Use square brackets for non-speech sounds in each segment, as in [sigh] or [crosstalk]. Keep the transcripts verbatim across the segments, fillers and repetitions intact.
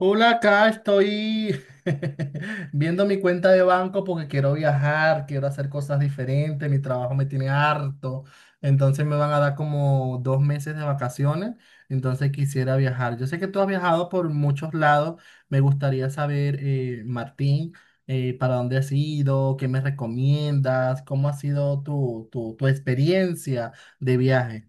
Hola, acá estoy [laughs] viendo mi cuenta de banco porque quiero viajar, quiero hacer cosas diferentes, mi trabajo me tiene harto, entonces me van a dar como dos meses de vacaciones, entonces quisiera viajar. Yo sé que tú has viajado por muchos lados, me gustaría saber, eh, Martín, eh, para dónde has ido, qué me recomiendas, cómo ha sido tu, tu, tu experiencia de viaje.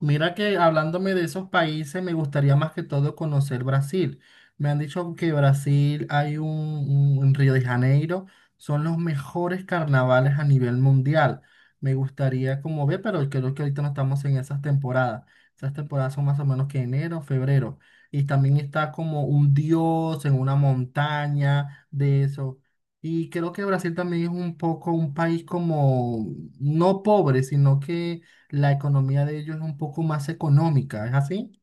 Mira que hablándome de esos países, me gustaría más que todo conocer Brasil. Me han dicho que Brasil hay un, un- en Río de Janeiro, son los mejores carnavales a nivel mundial. Me gustaría como ver, pero creo que ahorita no estamos en esas temporadas. Esas temporadas son más o menos que enero, febrero. Y también está como un dios en una montaña de eso. Y creo que Brasil también es un poco un país como no pobre, sino que la economía de ellos es un poco más económica, ¿es así?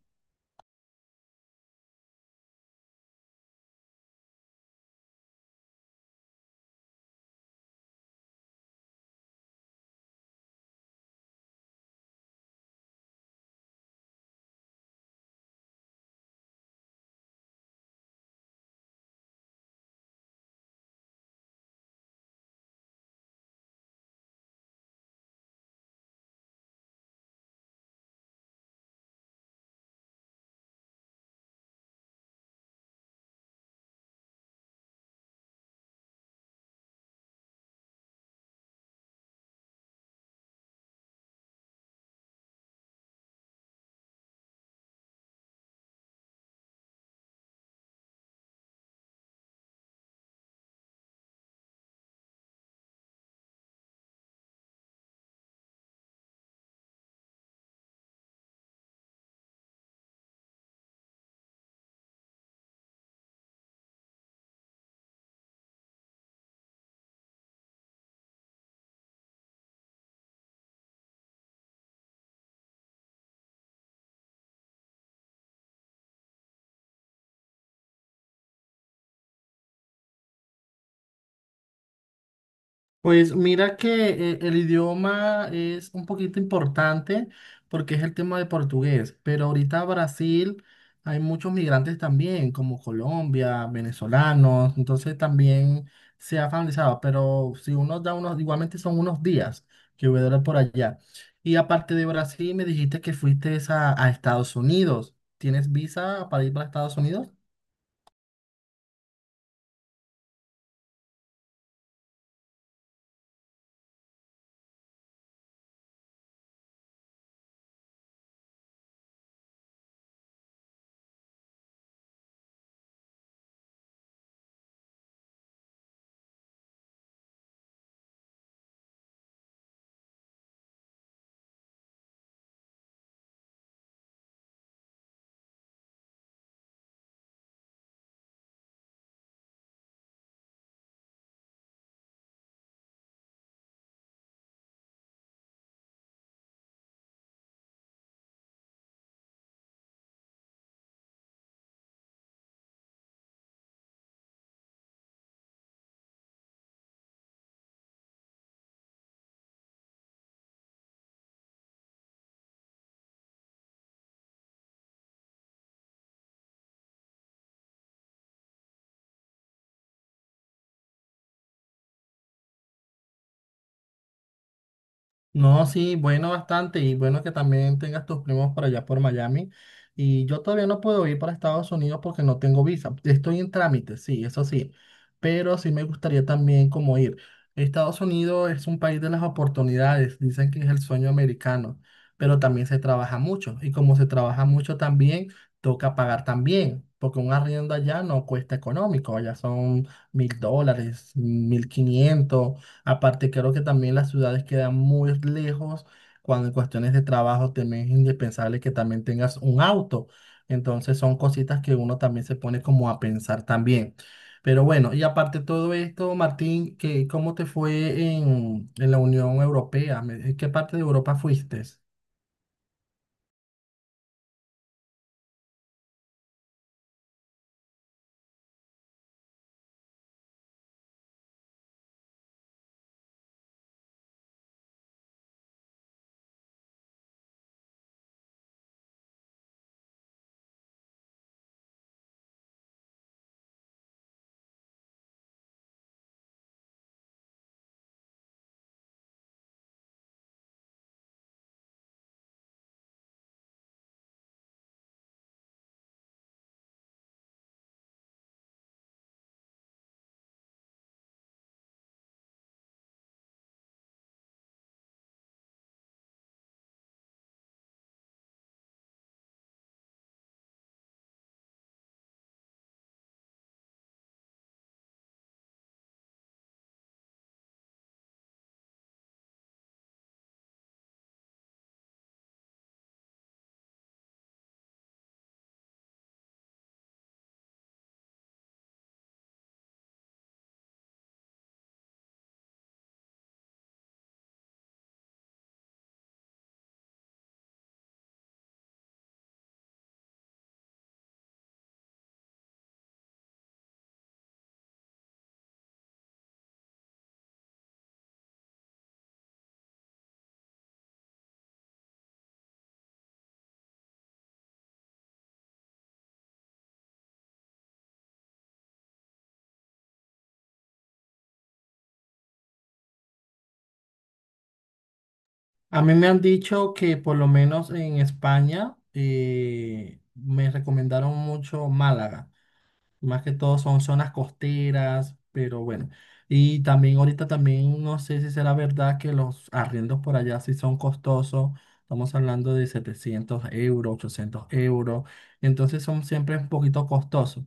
Pues mira que eh, el idioma es un poquito importante porque es el tema de portugués, pero ahorita Brasil hay muchos migrantes también, como Colombia, venezolanos, entonces también se ha familiarizado, pero si uno da unos, igualmente son unos días que voy a durar por allá. Y aparte de Brasil, me dijiste que fuiste a, a Estados Unidos. ¿Tienes visa para ir para Estados Unidos? No, sí, bueno, bastante. Y bueno que también tengas tus primos por allá por Miami. Y yo todavía no puedo ir para Estados Unidos porque no tengo visa. Estoy en trámite, sí, eso sí. Pero sí me gustaría también como ir. Estados Unidos es un país de las oportunidades. Dicen que es el sueño americano. Pero también se trabaja mucho. Y como se trabaja mucho también, toca pagar también. Porque un arriendo allá no cuesta económico. Allá son mil dólares, mil quinientos. Aparte, creo que también las ciudades quedan muy lejos cuando en cuestiones de trabajo también es indispensable que también tengas un auto. Entonces son cositas que uno también se pone como a pensar también. Pero bueno, y aparte de todo esto, Martín, ¿qué, cómo te fue en, en la Unión Europea? Me- ¿En qué parte de Europa fuiste? A mí me han dicho que por lo menos en España eh, me recomendaron mucho Málaga. Más que todo son zonas costeras, pero bueno. Y también ahorita también no sé si será verdad que los arriendos por allá sí son costosos. Estamos hablando de setecientos euros, ochocientos euros. Entonces son siempre un poquito costosos.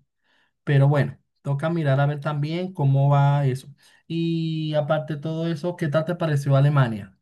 Pero bueno, toca mirar a ver también cómo va eso. Y aparte de todo eso, ¿qué tal te pareció Alemania?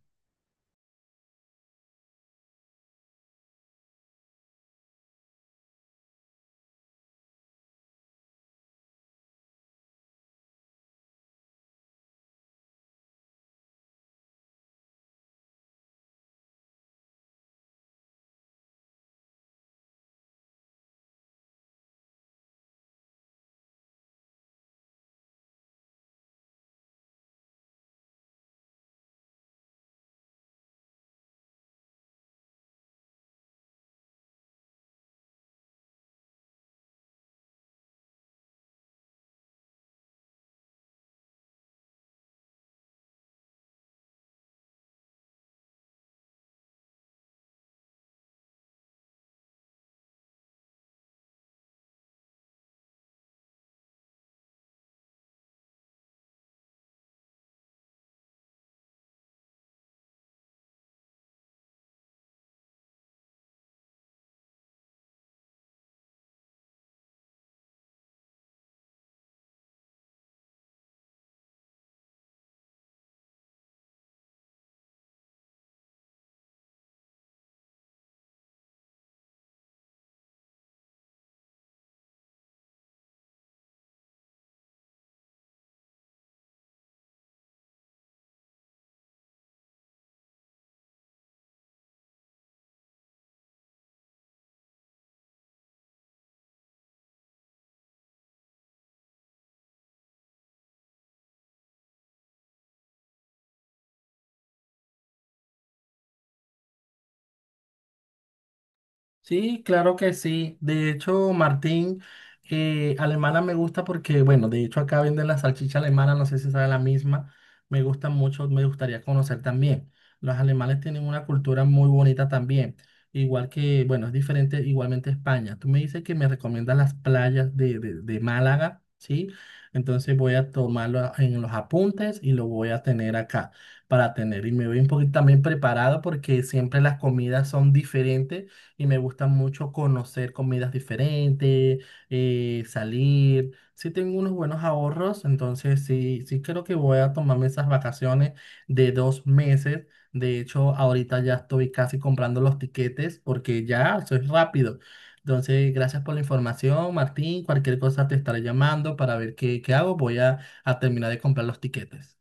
Sí, claro que sí. De hecho, Martín, eh, alemana me gusta porque, bueno, de hecho acá venden la salchicha alemana, no sé si será la misma. Me gusta mucho, me gustaría conocer también. Los alemanes tienen una cultura muy bonita también. Igual que, bueno, es diferente igualmente España. Tú me dices que me recomiendas las playas de, de, de Málaga, ¿sí? Entonces voy a tomarlo en los apuntes y lo voy a tener acá para tener. Y me voy un poquito también preparado porque siempre las comidas son diferentes y me gusta mucho conocer comidas diferentes, eh, salir. Sí tengo unos buenos ahorros, entonces sí, sí creo que voy a tomarme esas vacaciones de dos meses. De hecho, ahorita ya estoy casi comprando los tiquetes porque ya soy rápido. Entonces, gracias por la información, Martín. Cualquier cosa te estaré llamando para ver qué, qué hago. Voy a, a terminar de comprar los tiquetes.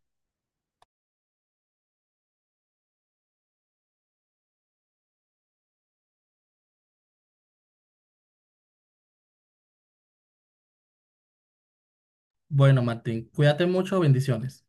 Bueno, Martín, cuídate mucho, bendiciones.